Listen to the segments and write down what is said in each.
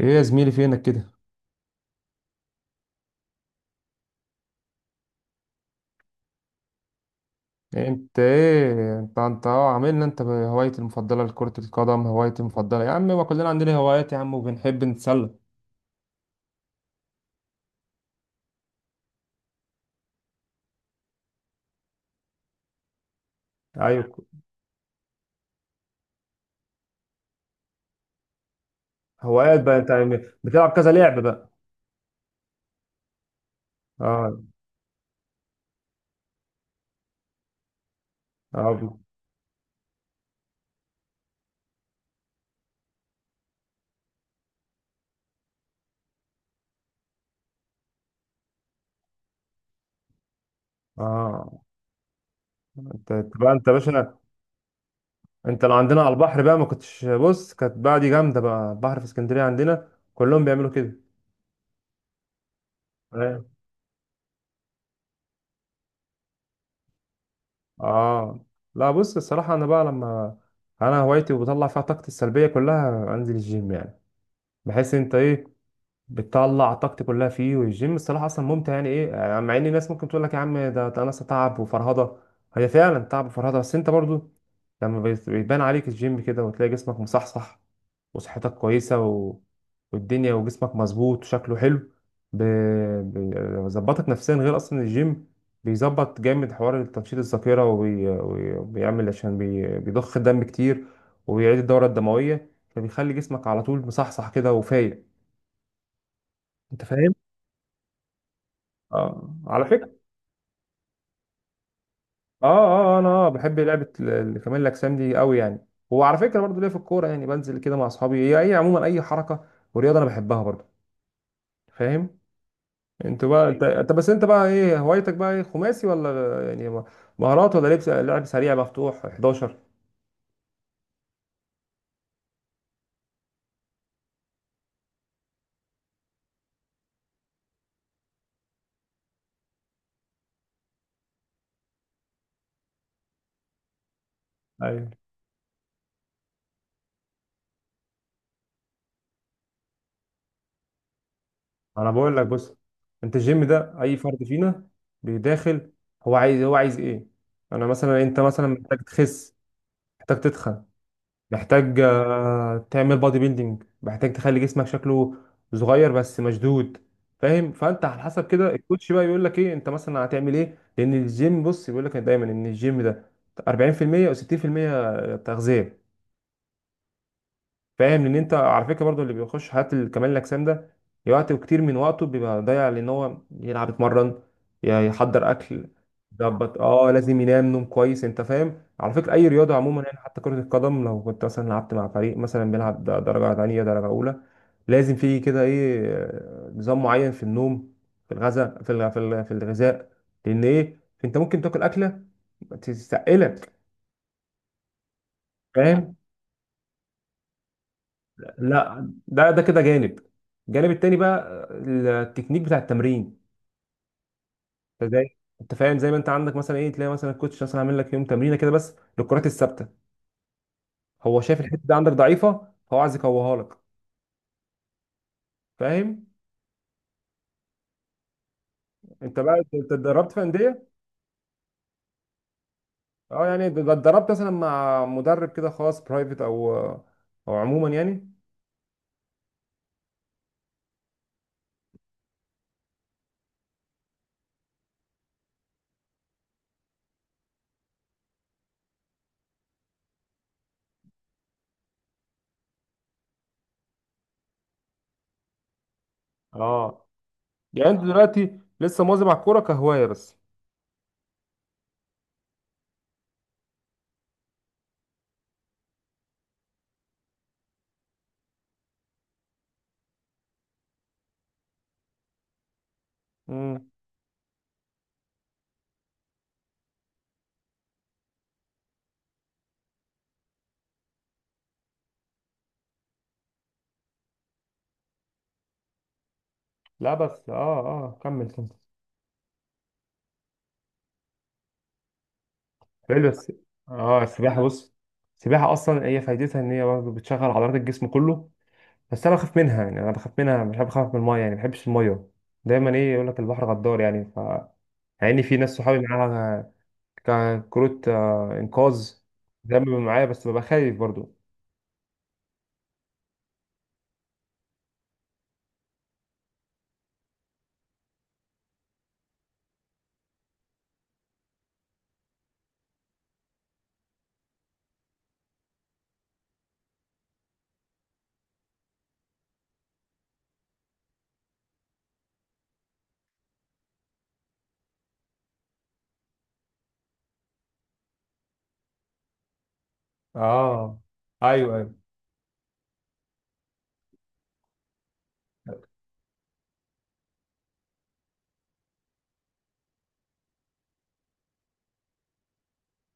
ايه، يا زميلي فينك كده؟ إيه انت ايه انت انت اه عاملنا، انت هوايتي المفضله لكره القدم؟ هوايتي المفضله يا عم، ما كلنا عندنا هوايات يا عم وبنحب نتسلى. ايوه، هوايات بقى انت يعني؟ بتلعب كذا لعبه بقى؟ اه. اه. اه. انت بقى انت يا باشا. انت لو عندنا على البحر بقى ما كنتش. بص، كانت بقى دي جامده بقى، البحر في اسكندريه عندنا كلهم بيعملوا كده. اه. آه. لا بص، الصراحه انا بقى لما. انا هوايتي وبطلع فيها طاقتي السلبيه كلها انزل الجيم يعني. بحس انت ايه، بتطلع طاقتي كلها فيه. والجيم الصراحه اصلا ممتع، يعني ايه يعني مع ان الناس ممكن تقول لك يا عم ده ناس تعب وفرهضه، هي فعلا تعب وفرهضه. بس انت برضو لما بيبان عليك الجيم كده وتلاقي جسمك مصحصح وصحتك كويسه والدنيا وجسمك مظبوط وشكله حلو، ب- بيظبطك نفسيا. غير اصلا الجيم بيظبط جامد حوار تنشيط الذاكره وبيعمل، عشان بيضخ الدم كتير وبيعيد الدوره الدمويه، فبيخلي جسمك على طول مصحصح كده وفايق. انت فاهم؟ اه، على فكره. اه. اه. انا آه بحب لعبه كمال الاجسام دي قوي يعني. وعلى فكره برضو ليا في الكوره، يعني بنزل كده مع اصحابي. هي اي عموما اي حركه ورياضه انا بحبها برضو. فاهم؟ انت، ايوه، انت بس انت بقى ايه هوايتك بقى؟ ايه، خماسي ولا يعني مهارات ولا لعب لعب سريع مفتوح 11؟ ايوه. انا بقول لك بص، انت الجيم ده اي فرد فينا بيداخل، هو عايز ايه. انا مثلا انت مثلا محتاج تخس، محتاج تتخن، محتاج، آه، تعمل بادي بيلدينج، محتاج تخلي جسمك شكله صغير بس مشدود. فاهم؟ فانت على حسب كده الكوتش بقى يقول لك ايه، انت مثلا هتعمل ايه. لان الجيم بص بيقول لك دايما ان الجيم ده 40% او 60% تغذيه. فاهم؟ ان انت على فكره برضو اللي بيخش حالات كمال الاجسام ده وقت كتير من وقته بيبقى ضايع، لان هو يلعب، يتمرن، يحضر اكل، يظبط. اه، لازم ينام نوم كويس. انت فاهم؟ على فكره اي رياضه عموما، يعني حتى كره القدم لو كنت مثلا لعبت مع فريق مثلا بيلعب درجه ثانيه درجه اولى، لازم في كده ايه، آه، نظام معين في النوم، في الغذاء، في الغذاء. لان ايه انت ممكن تاكل اكله تستقلك. فاهم؟ لا ده كده جانب. الجانب التاني بقى آه، التكنيك بتاع التمرين. انت فاهم، زي ما انت عندك مثلا ايه، تلاقي مثلا الكوتش مثلا عامل لك يوم تمرينه كده بس للكرات الثابته، هو شايف الحته دي عندك ضعيفه هو عايز يقويها لك. فاهم؟ انت اتدربت في انديه؟ اه، يعني اتدربت مثلا مع مدرب كده خاص برايفت، او عموما يعني؟ اه. يعني انت دلوقتي لسه مواظب على الكوره كهوايه بس؟ امم. لا بس، اه. اه، كمل كمل. حلو، بس اه السباحه بص، السباحه اصلا هي فايدتها ان هي برضه بتشغل عضلات الجسم كله. بس انا بخاف منها، يعني انا بخاف منها، مش بحب اخاف من الميه، يعني ما بحبش الميه. دايما ايه يقول لك البحر غدار يعني. يعني في ناس صحابي معاها كروت، آه، انقاذ دايما بيبقى معايا، بس ببقى خايف برضه. اه. ايوه ايوه.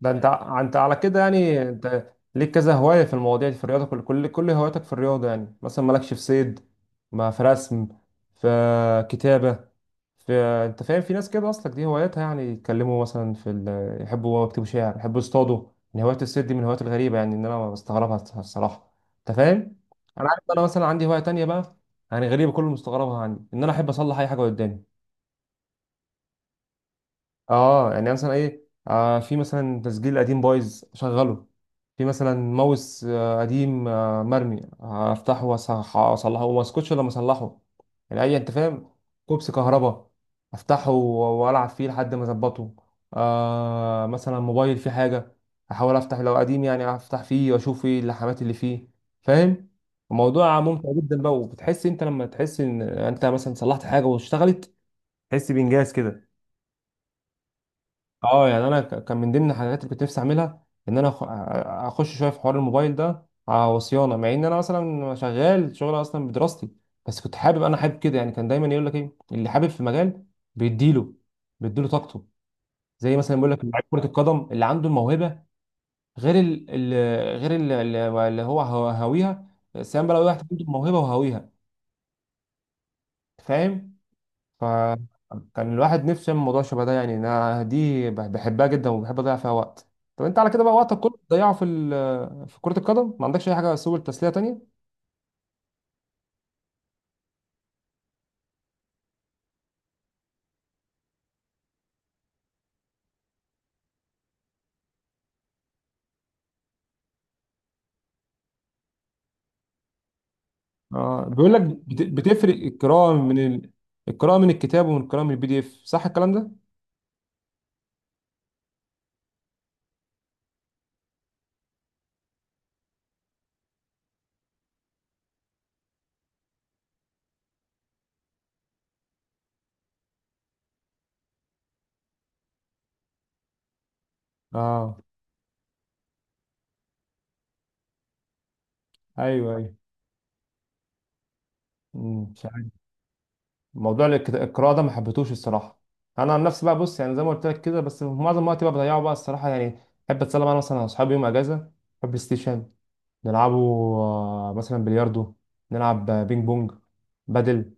ده انت انت على كده يعني انت ليك كذا هواية في المواضيع دي، في الرياضة. كل كل كل هواياتك في الرياضة؟ يعني مثلا مالكش في صيد، ما في رسم، في كتابة، في انت فاهم، في ناس كده اصلك دي هواياتها، يعني يتكلموا مثلا يحبوا يكتبوا شعر، يحبوا يصطادوا. ان هواية الصيد دي من الهوايات الغريبة، يعني ان انا بستغربها الصراحة. انت فاهم؟ انا عارف انا مثلا عندي هواية تانية بقى، يعني غريبة كل مستغربها عندي، ان انا احب اصلح اي حاجة قدامي. اه يعني مثلا ايه، آه، في مثلا تسجيل قديم بايظ شغله، في مثلا ماوس، آه، قديم، آه، مرمي، هفتحه واصلحه وما اسكتش لما اصلحه يعني. اي، انت فاهم، كوبس كهرباء افتحه والعب فيه لحد ما اظبطه. آه مثلا موبايل فيه حاجه، احاول افتح لو قديم يعني، افتح فيه واشوف ايه اللحمات اللي فيه. فاهم؟ الموضوع ممتع جدا بقى، وبتحس انت لما تحس ان انت مثلا صلحت حاجه واشتغلت، تحس بانجاز كده. اه يعني انا كان من ضمن الحاجات اللي كنت نفسي اعملها ان اخش شويه في حوار الموبايل ده على صيانه. مع ان انا اصلا شغال شغل اصلا بدراستي، بس كنت حابب. انا حابب كده يعني. كان دايما يقول لك ايه اللي حابب في مجال بيديله بيديله طاقته، زي مثلا بيقول لك لعيب كره القدم اللي عنده الموهبه، غير ال ال غير ال ال- اللي هو هاويها. سام بقى لو واحد عنده الموهبه وهاويها. فاهم؟ فكان الواحد نفسه يعمل موضوع شبه ده. يعني انا دي بحبها جدا وبحب اضيع فيها وقت. طب انت على كده بقى وقتك كله بتضيعه في كرة القدم؟ ما عندكش اي حاجة سبل تسلية تانية؟ اه بيقول لك بتفرق القراءة القراءة من الكتاب ومن القراءة من البي دي اف، صح الكلام ده؟ اه. ايوه ايوه. مش عارف موضوع القراءة ده، ما حبيتهوش الصراحة. انا عن نفسي بقى، بص يعني زي ما قلت لك كده، بس في معظم وقتي بقى بضيعه بقى الصراحة يعني. احب اتسلى بقى، أنا مثلا مع اصحابي يوم اجازة بلاي ستيشن نلعبه، آه، مثلا بلياردو نلعب، آه، بينج بونج، بدل.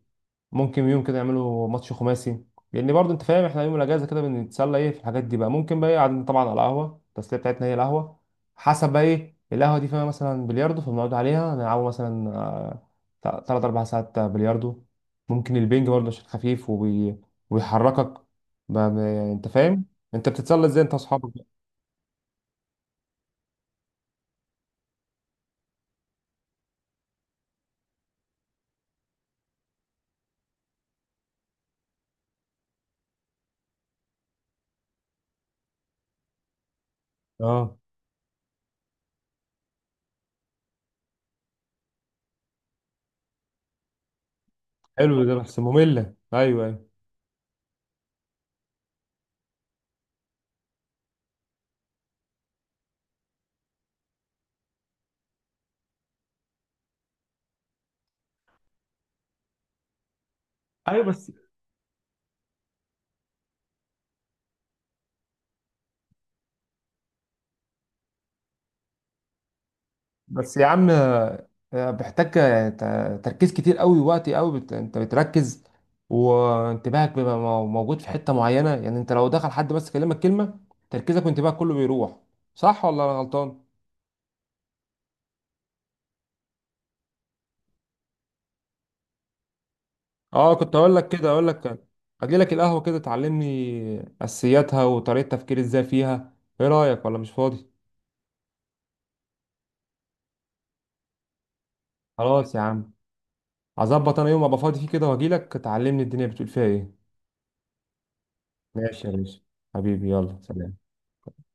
ممكن يوم كده يعملوا ماتش خماسي. لان برضه انت فاهم احنا يوم الاجازه كده بنتسلى ايه في الحاجات دي بقى، ممكن بقى ايه قاعدين طبعا على القهوه، التسليه بتاعتنا هي القهوه، حسب بقى ايه القهوه دي فيها مثلا بلياردو، فبنقعد عليها نلعبوا مثلا آه، تلات اربع ساعات بلياردو. ممكن البينج برضه عشان خفيف ويحركك بقى يعني. انت فاهم، انت بتتسلى ازاي انت واصحابك؟ اه، حلو ده بس ممله. ايوه ايوه ايوه. بس بس يا عم، آه، بيحتاج، آه، تركيز كتير قوي ووقت قوي، انت بتركز وانتباهك بيبقى موجود في حتة معينة، يعني انت لو دخل حد بس كلمك كلمة تركيزك وانتباهك كله بيروح. صح ولا انا غلطان؟ اه. كنت اقول لك كده، اقول لك اجي لك القهوة كده تعلمني اساسياتها وطريقة تفكير ازاي فيها. ايه رأيك ولا مش فاضي؟ خلاص يا عم، هظبط انا يوم ابقى فاضي فيه كده واجي لك تعلمني الدنيا بتقول فيها ايه. ماشي يا باشا. حبيبي يلا سلام.